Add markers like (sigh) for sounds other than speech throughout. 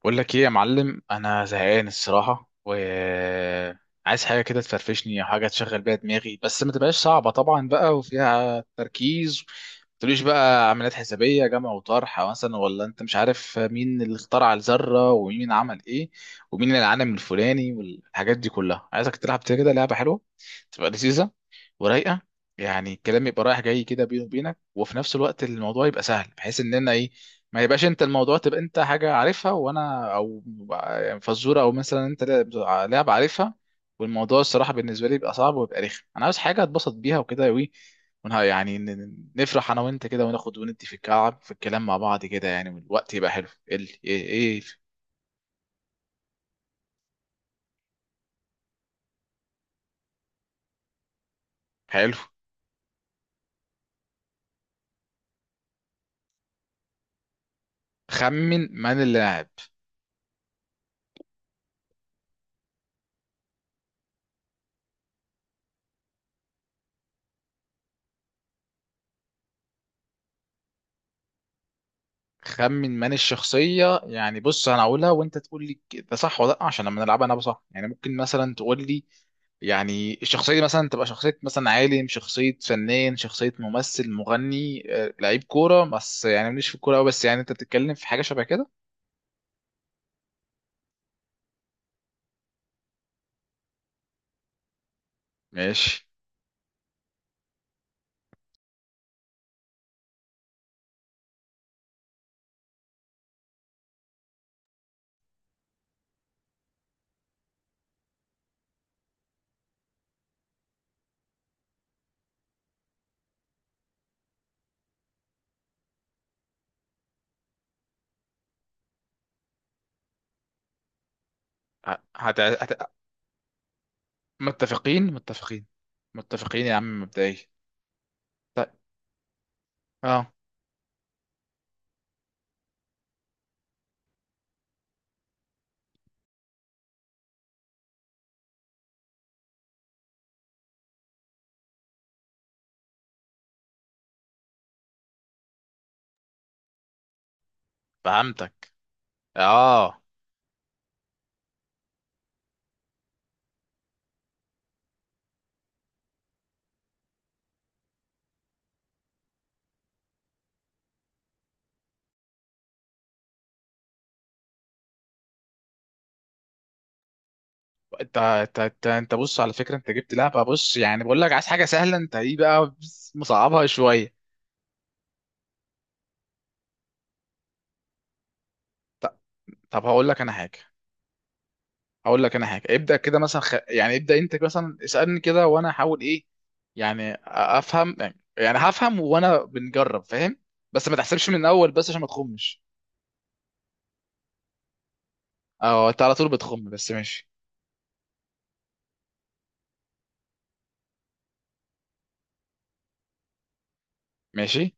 بقول لك ايه يا معلم، انا زهقان الصراحه، و عايز حاجه كده تفرفشني او حاجه تشغل بيها دماغي، بس ما تبقاش صعبه طبعا بقى وفيها تركيز. ما تقوليش بقى عمليات حسابيه جمع وطرح مثلا، ولا انت مش عارف مين اللي اخترع الذره ومين عمل ايه ومين العالم الفلاني والحاجات دي كلها. عايزك تلعب كده لعبه حلوه، تبقى لذيذه ورايقه. يعني الكلام يبقى رايح جاي كده بيني وبينك، وفي نفس الوقت الموضوع يبقى سهل بحيث اننا ايه، ما يبقاش انت الموضوع تبقى انت حاجة عارفها وانا او يعني فزورة، او مثلا انت لاعب عارفها والموضوع الصراحة بالنسبة لي بيبقى صعب ويبقى رخم. انا عاوز حاجة اتبسط بيها وكده، وي ونها يعني نفرح انا وانت كده وناخد وندي في الكعب في الكلام مع بعض كده يعني، والوقت يبقى حلو. ايه ال- ايه ايه؟ حلو. خمن من اللاعب. خمن من الشخصية. يعني بص، انا هقولها وانت تقول لي ده صح ولا لا، عشان لما نلعبها انا صح. يعني ممكن مثلا تقول لي يعني الشخصية دي مثلا تبقى شخصية مثلا عالم، شخصية فنان، شخصية ممثل، مغني، آه، لعيب كورة، بس يعني مش في الكورة أوي، بس يعني أنت بتتكلم في حاجة شبه كده. ماشي. ه- هت... هت... متفقين متفقين. متفقين يا عم مبدئيا. طيب. اه، فهمتك. اه. انت بص، على فكرة انت جبت لعبة. بص يعني بقول لك عايز حاجة سهلة، انت ايه بقى مصعبها شوية؟ طب. طب هقول لك انا حاجة. اقول لك انا حاجه ابدا كده مثلا. يعني ابدا انت مثلا اسالني كده وانا احاول ايه، يعني افهم، يعني هفهم وانا بنجرب فاهم. بس ما تحسبش من الاول بس عشان ما تخمش. اه انت على طول بتخم، بس ماشي. ماشي.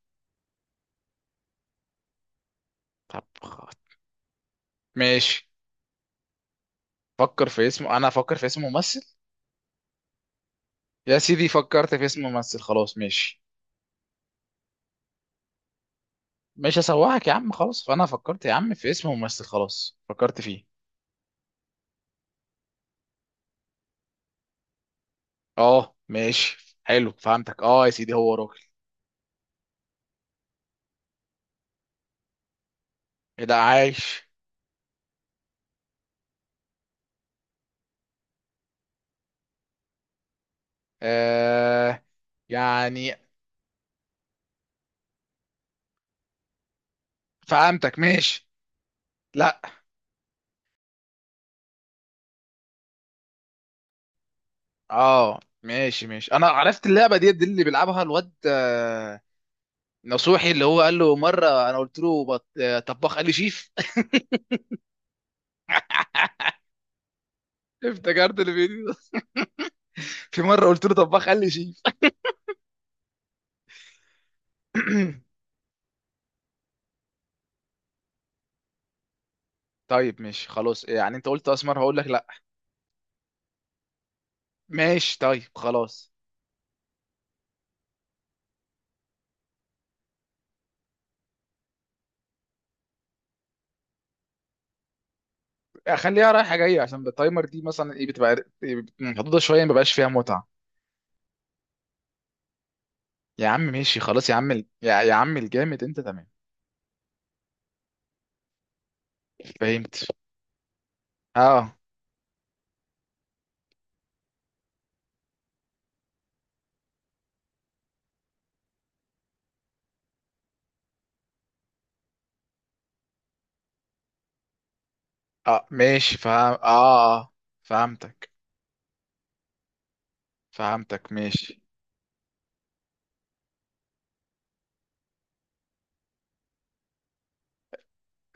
طب خ- ماشي. فكر في اسم، انا افكر في اسم ممثل. يا سيدي فكرت في اسم ممثل، خلاص ماشي. مش هسوحك يا عم خلاص، فانا فكرت يا عم في اسم ممثل، خلاص فكرت فيه. اه ماشي حلو، فهمتك. اه يا سيدي، هو راجل. ايه ده عايش. آه، يعني. فهمتك ماشي. لا. اه ماشي ماشي، انا عرفت اللعبه دي اللي بيلعبها الواد آه، نصوحي، اللي هو قال له مره انا قلت له آه، طباخ، قال لي شيف. (laughs) افتكرت الفيديو ده. في مره قلت له طباخ قال لي شيف. (clears throat) طيب ماشي خلاص، يعني انت قلت اسمر هقول لك لا. ماشي طيب خلاص. خليها رايحه جايه، عشان بالتايمر دي مثلا ايه بتبقى محدوده شويه ما بيبقاش فيها متعه. يا عم ماشي خلاص يا عم. يا عم الجامد، انت تمام. فهمت. اه. اه ماشي فهم اه. اه فهمتك. فهمتك ماشي.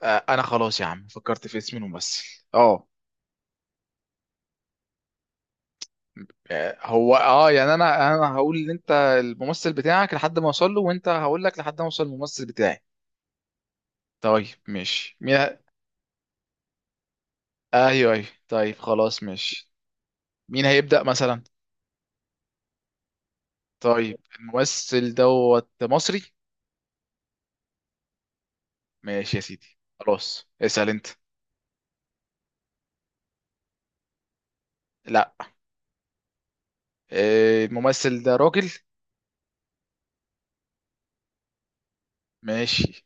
آه انا خلاص يا عم فكرت في اسم الممثل. اه. آه، هو اه يعني انا انا هقول ان انت الممثل بتاعك لحد ما اوصل له، وانت هقول لك لحد ما اوصل الممثل بتاعي. طيب ماشي، ايوه ايوه طيب خلاص ماشي. مين هيبدأ مثلا؟ طيب الممثل دوت مصري. ماشي يا سيدي خلاص، اسأل انت. لا. آه، الممثل ده راجل. ماشي.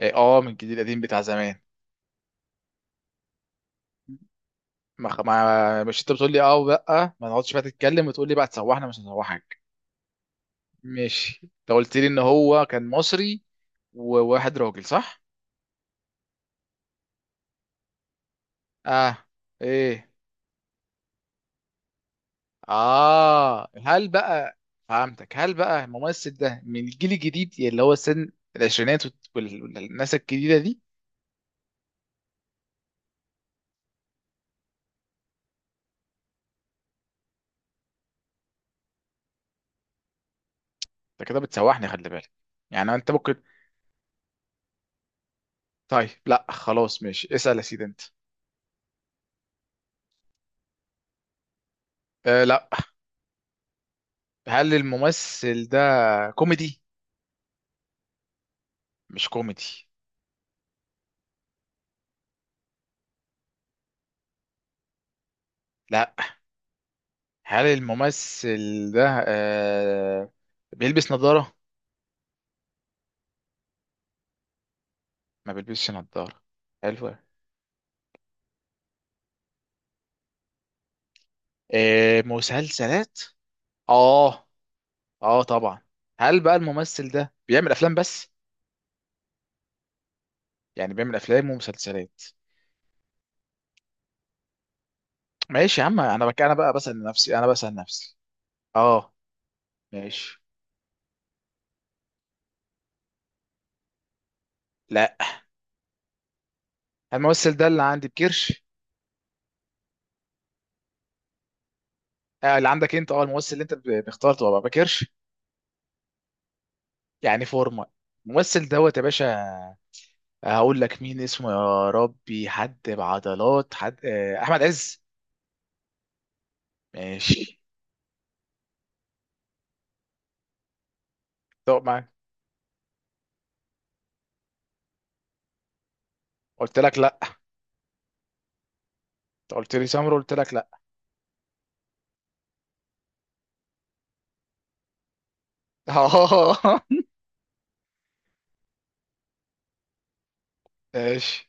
اه آه، من الجيل القديم بتاع زمان. ما خ- ما مش انت بتقول لي اه ولا، ما نقعدش بقى تتكلم وتقول لي بقى تسوحنا. مش هنسوحك. ماشي. انت قلت لي ان هو كان مصري وواحد راجل، صح. اه. ايه. اه. هل بقى فهمتك. هل بقى الممثل ده من الجيل الجديد اللي هو سن العشرينات والناس الجديده دي؟ انت كده بتسوحني، خلي بالك. يعني انت ممكن. طيب لا خلاص ماشي، اسأل يا سيدي انت. آه لا. هل الممثل ده كوميدي؟ مش كوميدي. لا. هل الممثل ده آه بيلبس نظارة؟ ما بيلبسش نظارة. حلوة. آه مسلسلات؟ اه. اه طبعا. هل بقى الممثل ده بيعمل افلام بس؟ يعني بيعمل افلام ومسلسلات. ماشي يا عم. انا بك، انا بقى بسأل نفسي، انا بسأل نفسي. اه. ماشي. لا. الممثل ده اللي عندي بكرش. آه اللي عندك انت، اه الممثل اللي انت بختار تبقى بكرش؟ يعني فورمة. الممثل دوت يا باشا. هقول لك مين اسمه، يا ربي، حد بعضلات، حد آه، احمد عز. ماشي. طب معاك، قلت لك لا. قلت لي سمر قلت لك لا. (laughs) ماشي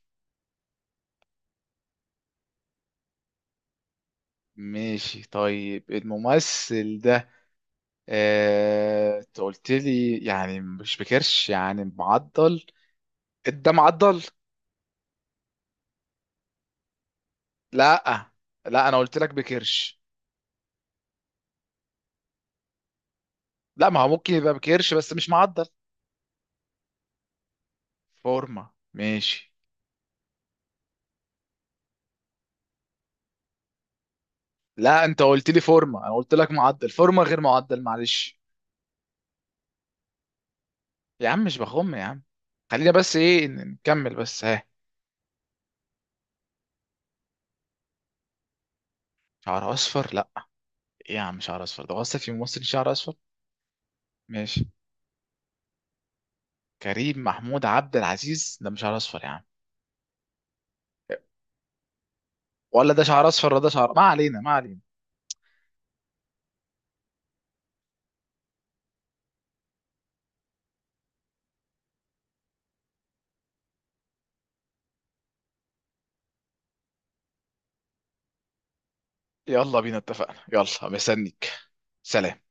ماشي طيب الممثل ده آه، انت قلت لي يعني مش بكرش يعني معضل، ده معضل. لا. لا انا قلت لك بكرش. لا ما هو ممكن يبقى بكرش بس مش معضل. فورمة ماشي. لا انت قلت لي فورمة انا قلت لك معضل، فورمة غير معضل، معلش. يا عم مش بخم يا عم. خلينا بس ايه نكمل بس، ها. شعر اصفر لا. ايه يا عم، شعر اصفر ده اصلا في ممثل شعر اصفر؟ ماشي. كريم محمود عبد العزيز ده مش شعر اصفر يا عم؟ ولا ده شعر اصفر ولا ده شعر، ما علينا ما علينا. يلا بينا اتفقنا، يلا مستنيك. سلام.